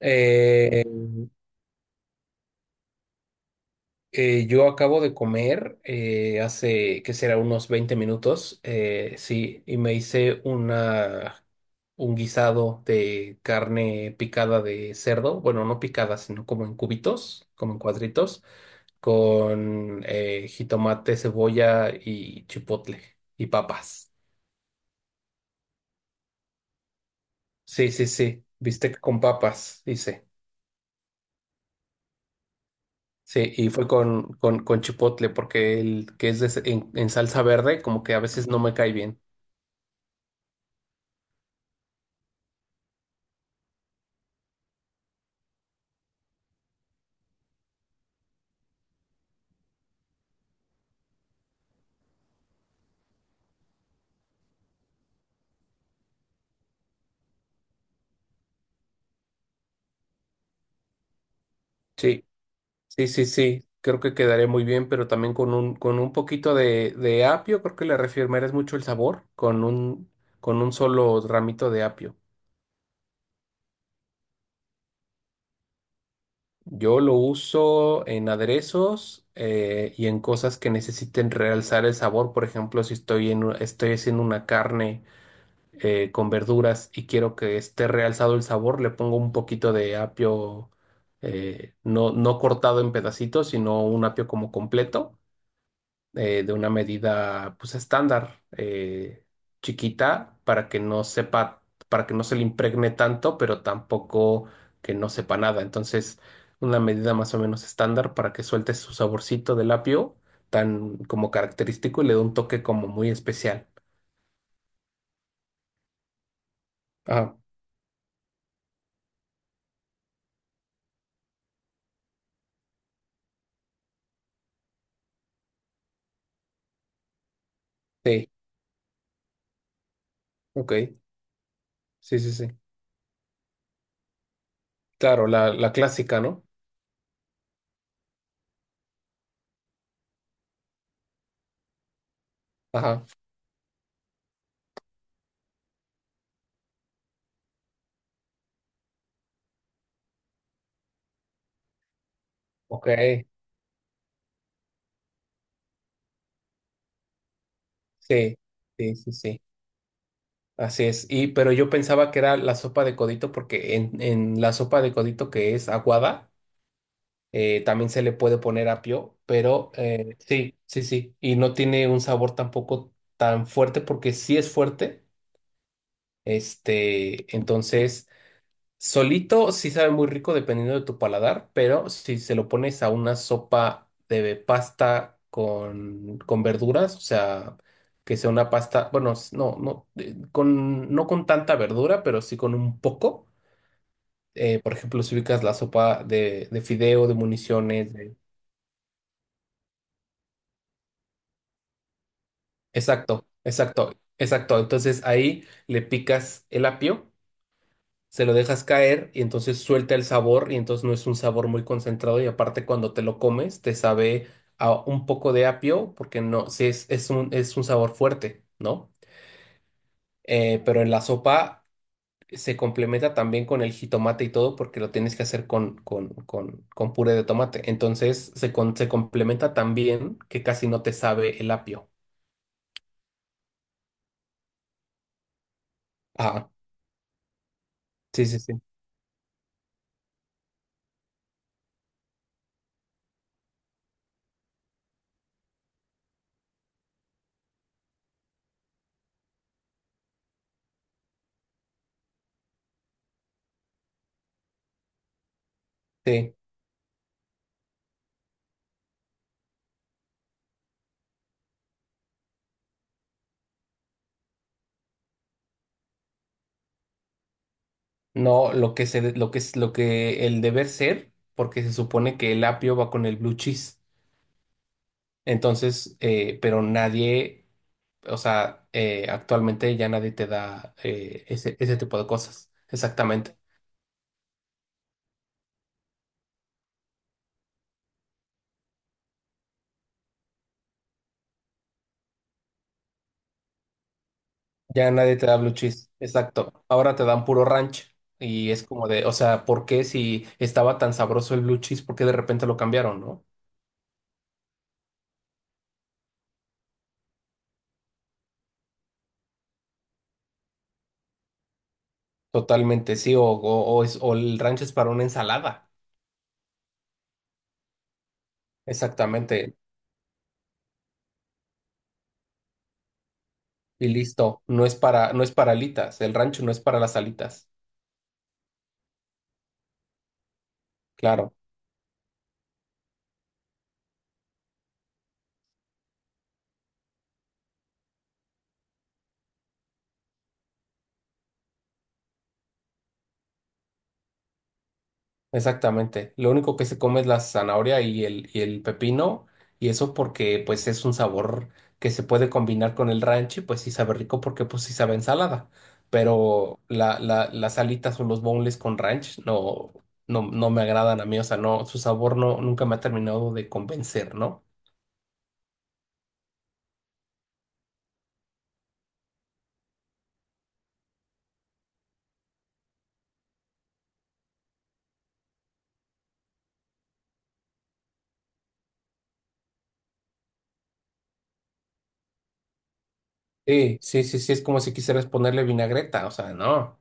Eh, yo acabo de comer hace, ¿que será? Unos 20 minutos, sí, y me hice un guisado de carne picada de cerdo, bueno, no picada, sino como en cubitos, como en cuadritos, con jitomate, cebolla y chipotle y papas. Sí, sí, sí, bistec con papas, hice. Sí, y fue con chipotle, porque el que es en salsa verde, como que a veces no me cae bien. Sí, sí, sí, sí, creo que quedaría muy bien, pero también con un poquito de apio, creo que le reafirmarás mucho el sabor, con un solo ramito de apio. Yo lo uso en aderezos y en cosas que necesiten realzar el sabor, por ejemplo, si estoy en, estoy haciendo una carne, con verduras, y quiero que esté realzado el sabor, le pongo un poquito de apio, no cortado en pedacitos, sino un apio como completo, de una medida pues estándar, chiquita, para que no sepa, para que no se le impregne tanto, pero tampoco que no sepa nada. Entonces, una medida más o menos estándar para que suelte su saborcito del apio, tan como característico, y le dé un toque como muy especial. Ah, sí, ok, sí, sí, sí. Claro, la clásica, ¿no? Ajá, ok, sí, sí, sí, sí, así es. Y pero yo pensaba que era la sopa de codito, porque en la sopa de codito que es aguada, también se le puede poner apio, pero sí, sí, sí, y no tiene un sabor tampoco tan fuerte, porque sí es fuerte, este, entonces solito sí sabe muy rico dependiendo de tu paladar, pero si se lo pones a una sopa de pasta con verduras, o sea, que sea una pasta, bueno, no, no, con, no con tanta verdura, pero sí con un poco. Por ejemplo, si ubicas la sopa de fideo, de municiones, de-. Exacto, exacto, exacto. Entonces ahí le picas el apio, se lo dejas caer y entonces suelta el sabor, y entonces no es un sabor muy concentrado, y aparte cuando te lo comes te sabe a un poco de apio, porque no, sí es un sabor fuerte, ¿no? Pero en la sopa se complementa también con el jitomate y todo, porque lo tienes que hacer con puré de tomate. Entonces se, se complementa también que casi no te sabe el apio. Ah, sí, sí, sí. Sí. No, lo que es lo que el deber ser, porque se supone que el apio va con el blue cheese. Entonces, pero nadie, o sea, actualmente ya nadie te da ese, ese tipo de cosas. Exactamente. Ya nadie te da blue cheese. Exacto. Ahora te dan puro ranch. Y es como de, o sea, ¿por qué si estaba tan sabroso el blue cheese, por qué de repente lo cambiaron, ¿no? Totalmente, sí. O es, o el ranch es para una ensalada. Exactamente. Y listo, no es para, no es para alitas, el rancho no es para las alitas. Claro, exactamente. Lo único que se come es la zanahoria y el pepino, y eso porque pues es un sabor que se puede combinar con el rancho, y pues sí sabe rico porque pues sí sabe a ensalada. Pero las alitas o los boneless con ranch no, no, no me agradan a mí, o sea, no, su sabor no, nunca me ha terminado de convencer, ¿no? Sí, sí, sí, sí, es como si quisieras ponerle vinagreta, o sea, no.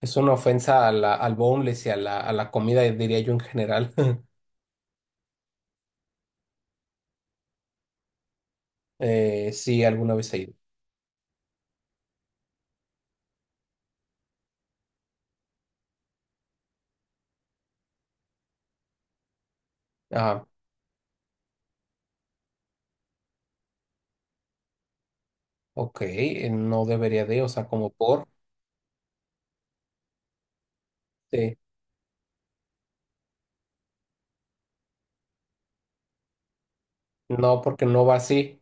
Es una ofensa a al boneless y a a la comida, diría yo en general. Sí, alguna vez he ido. Ah, ok, no debería de, o sea, como por. Sí. No, porque no va así.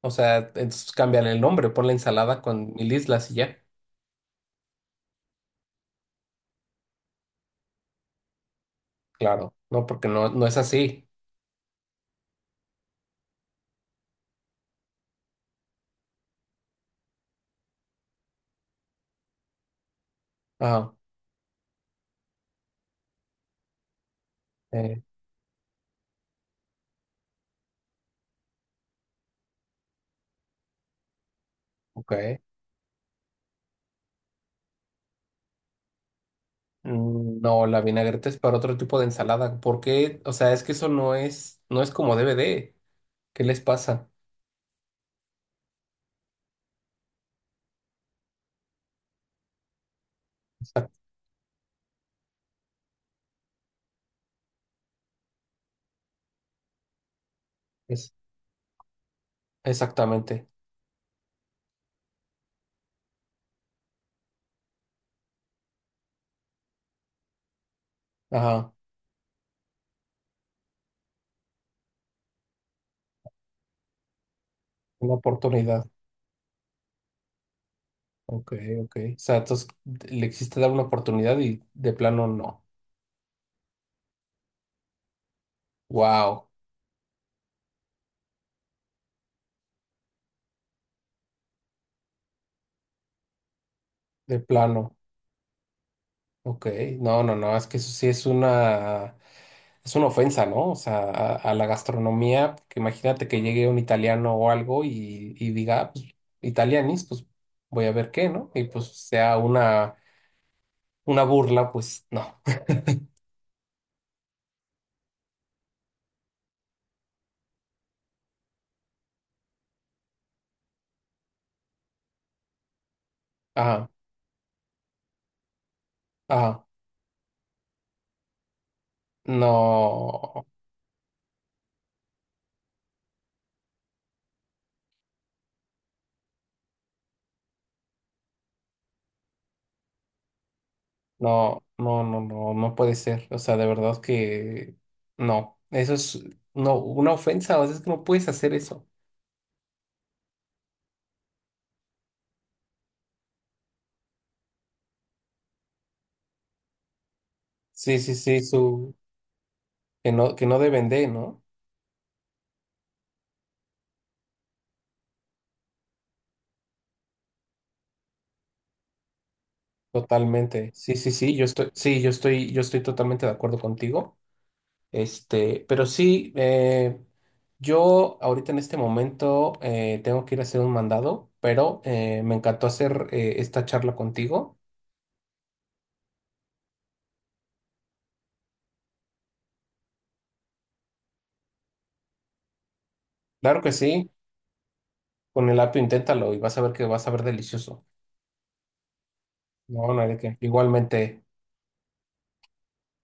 O sea, entonces cámbiale el nombre, ponle ensalada con mil islas y ya. Claro, no, porque no, no es así. Ah, eh, ok. Mm, no, la vinagreta es para otro tipo de ensalada. ¿Por qué? O sea, es que eso no es, no es como debe de. ¿Qué les pasa? Es, exactamente. Ajá, una oportunidad. Ok, ok. O sea, entonces le existe dar una oportunidad y de plano no. Wow, de plano. Ok, no, no, no, es que eso sí es una ofensa, ¿no? O sea, a la gastronomía, porque imagínate que llegue un italiano o algo y diga, "Ah, pues, italianis, pues voy a ver qué, ¿no?" Y pues sea una burla, pues no. Ajá, ajá, no. No, no, no, no, no puede ser. O sea, de verdad que no. Eso es no, una ofensa. O sea, es que no puedes hacer eso. Sí, sí, sí, su, que no deben de, ¿no? Totalmente. Sí, sí, sí, yo estoy totalmente de acuerdo contigo. Este, pero sí, yo ahorita en este momento tengo que ir a hacer un mandado, pero me encantó hacer esta charla contigo. Claro que sí, con el apio inténtalo y vas a ver que vas a ver delicioso. No, no hay de qué. Igualmente.